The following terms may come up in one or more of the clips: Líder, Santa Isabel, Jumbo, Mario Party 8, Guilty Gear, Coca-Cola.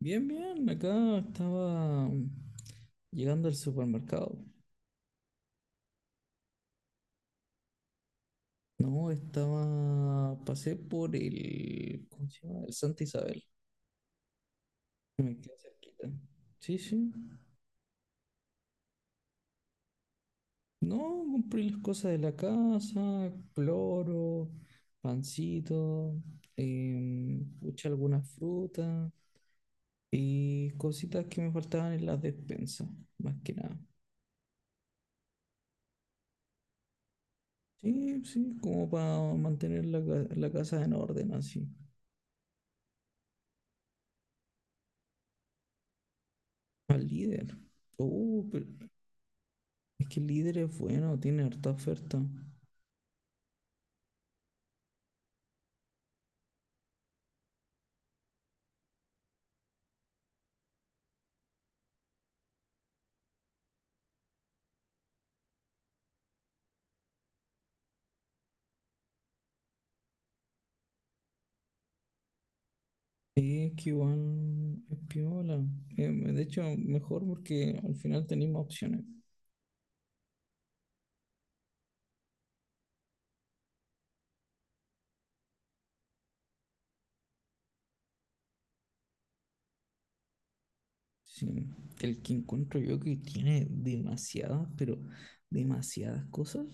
Bien, bien, acá estaba llegando al supermercado. No, estaba, pasé por el, ¿cómo se llama? El Santa Isabel, que me queda cerquita. Sí, sí. No, compré las cosas de la casa, cloro, pancito, pucha, algunas frutas y cositas que me faltaban en la despensa, más que nada. Sí, sí, como para mantener la casa en orden así. Al líder. Oh, pero es que el líder es bueno, tiene harta oferta. Sí, es que igual es piola. De hecho, mejor porque al final tenéis más opciones. Sí. El que encuentro yo que tiene demasiadas, pero demasiadas cosas,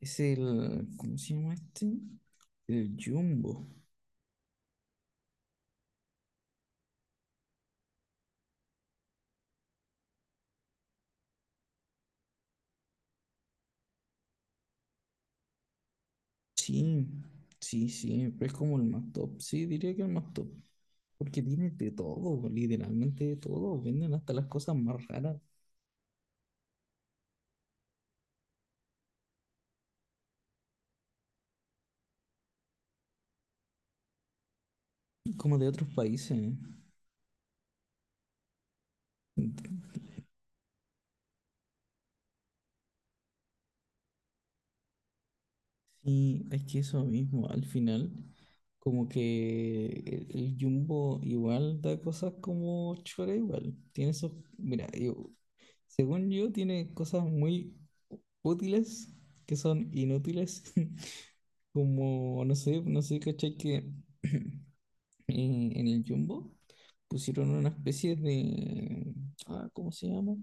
es el, ¿cómo se llama este? El Jumbo. Sí, sí, sí, pero es como el más top. Sí, diría que el más top. Porque tiene de todo, literalmente de todo. Venden hasta las cosas más raras, como de otros países. Y es que eso mismo, al final, como que el Jumbo igual da cosas como chora igual. Tiene esos, mira, según yo, tiene cosas muy útiles que son inútiles. Como, no sé, ¿cachai? Que en, en el Jumbo pusieron una especie de, ah, ¿cómo se llama?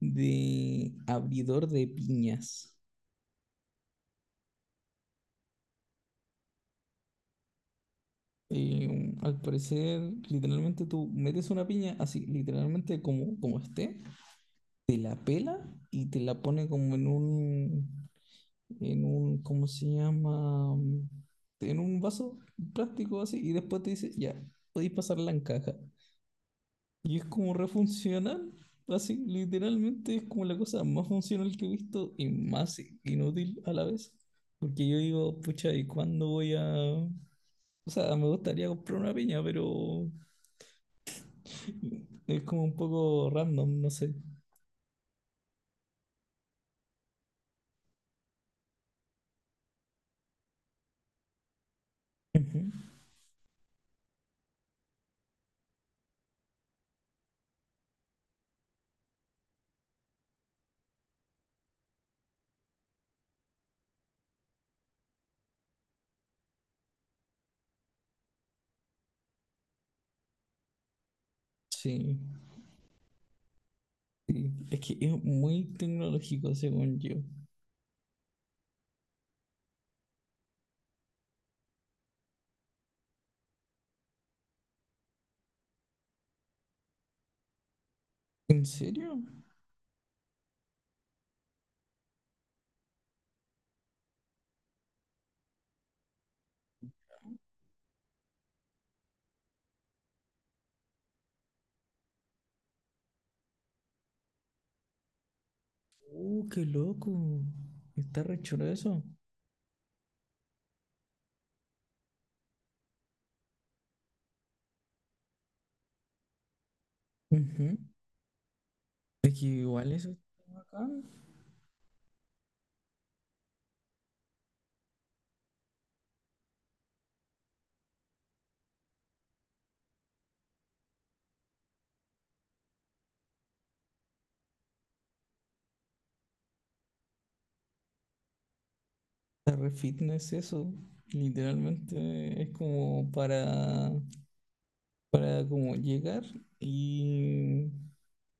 De abridor de piñas. Y mm, al parecer, literalmente tú metes una piña así, literalmente como, como esté, te la pela y te la pone como en un, ¿cómo se llama? Mm, en un vaso plástico así y después te dice, ya, podéis pasarla en caja. Y es como refuncional, así, literalmente es como la cosa más funcional que he visto y más inútil a la vez. Porque yo digo, pucha, ¿y cuándo voy a...? O sea, me gustaría comprar una piña, pero es como un poco random, no sé. Ujú. Sí, sí. Es que es muy tecnológico, según yo. ¿En serio? Qué loco. Está re chulo eso. Ujú. Es que igual eso está bacán. Está re fitness eso. Literalmente es como para como llegar y,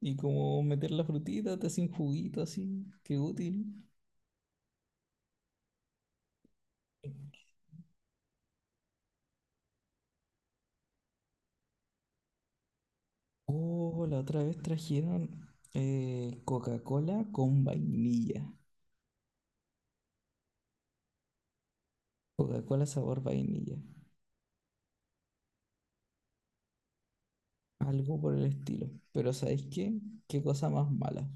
y como meter la frutita, te hacen juguito así. Qué útil. Oh, la otra vez trajeron Coca-Cola con vainilla. Coca-Cola sabor vainilla. Algo por el estilo. Pero ¿sabéis qué? Qué cosa más mala.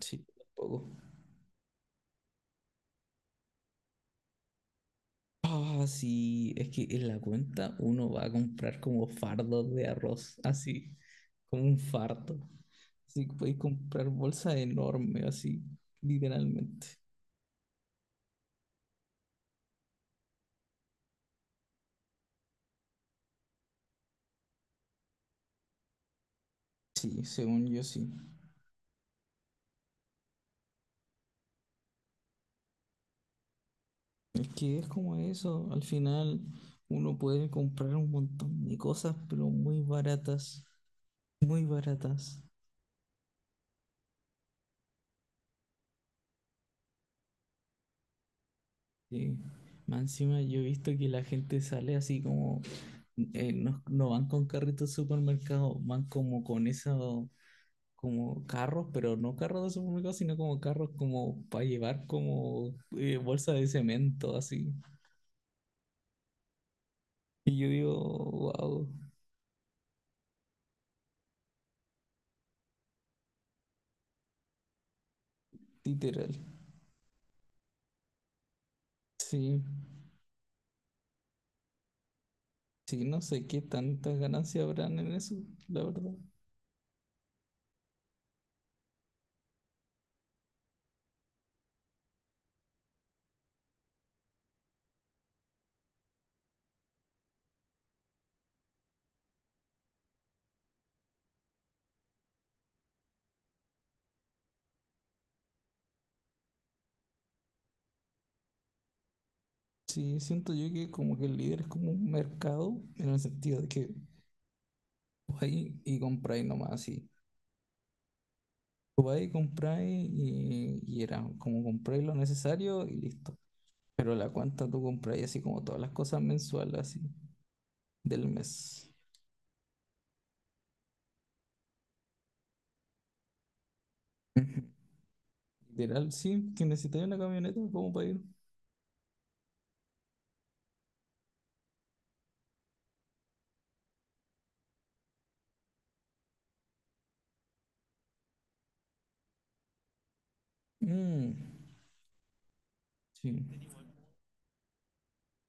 Sí, tampoco. Ah, sí, es que en la cuenta uno va a comprar como fardos de arroz, así, como un fardo. Así que podéis comprar bolsa enorme, así, literalmente. Sí, según yo sí. Es que es como eso, al final uno puede comprar un montón de cosas, pero muy baratas, muy baratas. Sí. Más encima yo he visto que la gente sale así como, no, no van con carritos de supermercado, van como con esos, como carros, pero no carros de supermercado, sino como carros como para llevar como bolsa de cemento, así. Y yo digo, wow, literal. Sí. Sí, no sé qué tantas ganancias habrán en eso, la verdad. Sí, siento yo que como que el líder es como un mercado, en el sentido de que vais y compráis nomás así. Vais y compráis y era como compráis lo necesario y listo. Pero la cuenta tú compráis así como todas las cosas mensuales así del mes. Ujú. Literal, sí, que necesitáis una camioneta como para ir. Mm, sí.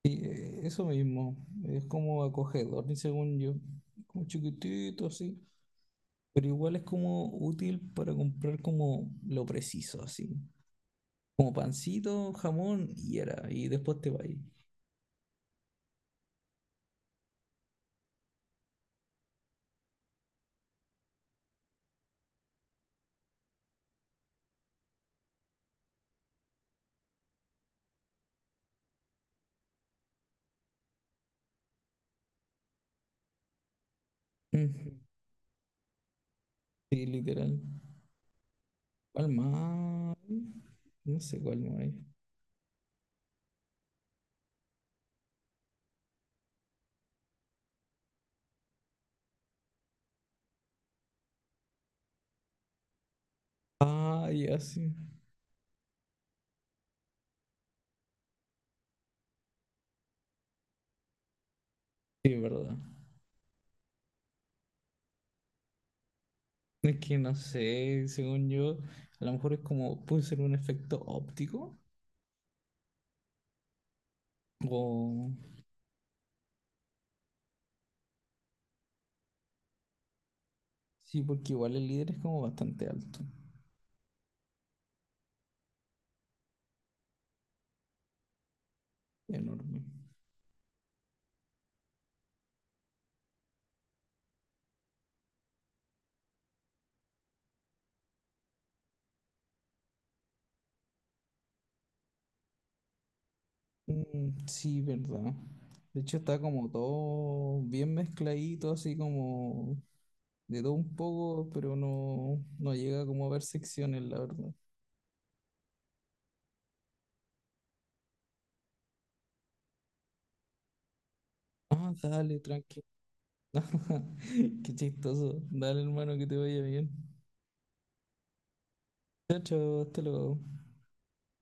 Y eso mismo, es como acogedor, y según yo, como chiquitito así. Pero igual es como útil para comprar como lo preciso, así. Como pancito, jamón y era. Y después te va ahí. Ujú. Sí, literal. ¿Cuál más? No sé cuál más hay. Ah, ya sí. Sí, es verdad. Es que no sé, según yo, a lo mejor es como, puede ser un efecto óptico. O... Sí, porque igual el líder es como bastante alto. Enorme. Mm, sí, verdad. De hecho está como todo bien mezcladito, así como de todo un poco, pero no, no llega como a ver secciones, la verdad. Ah, dale, tranqui. Qué chistoso. Dale, hermano, que te vaya bien. Chao, chao, hasta luego.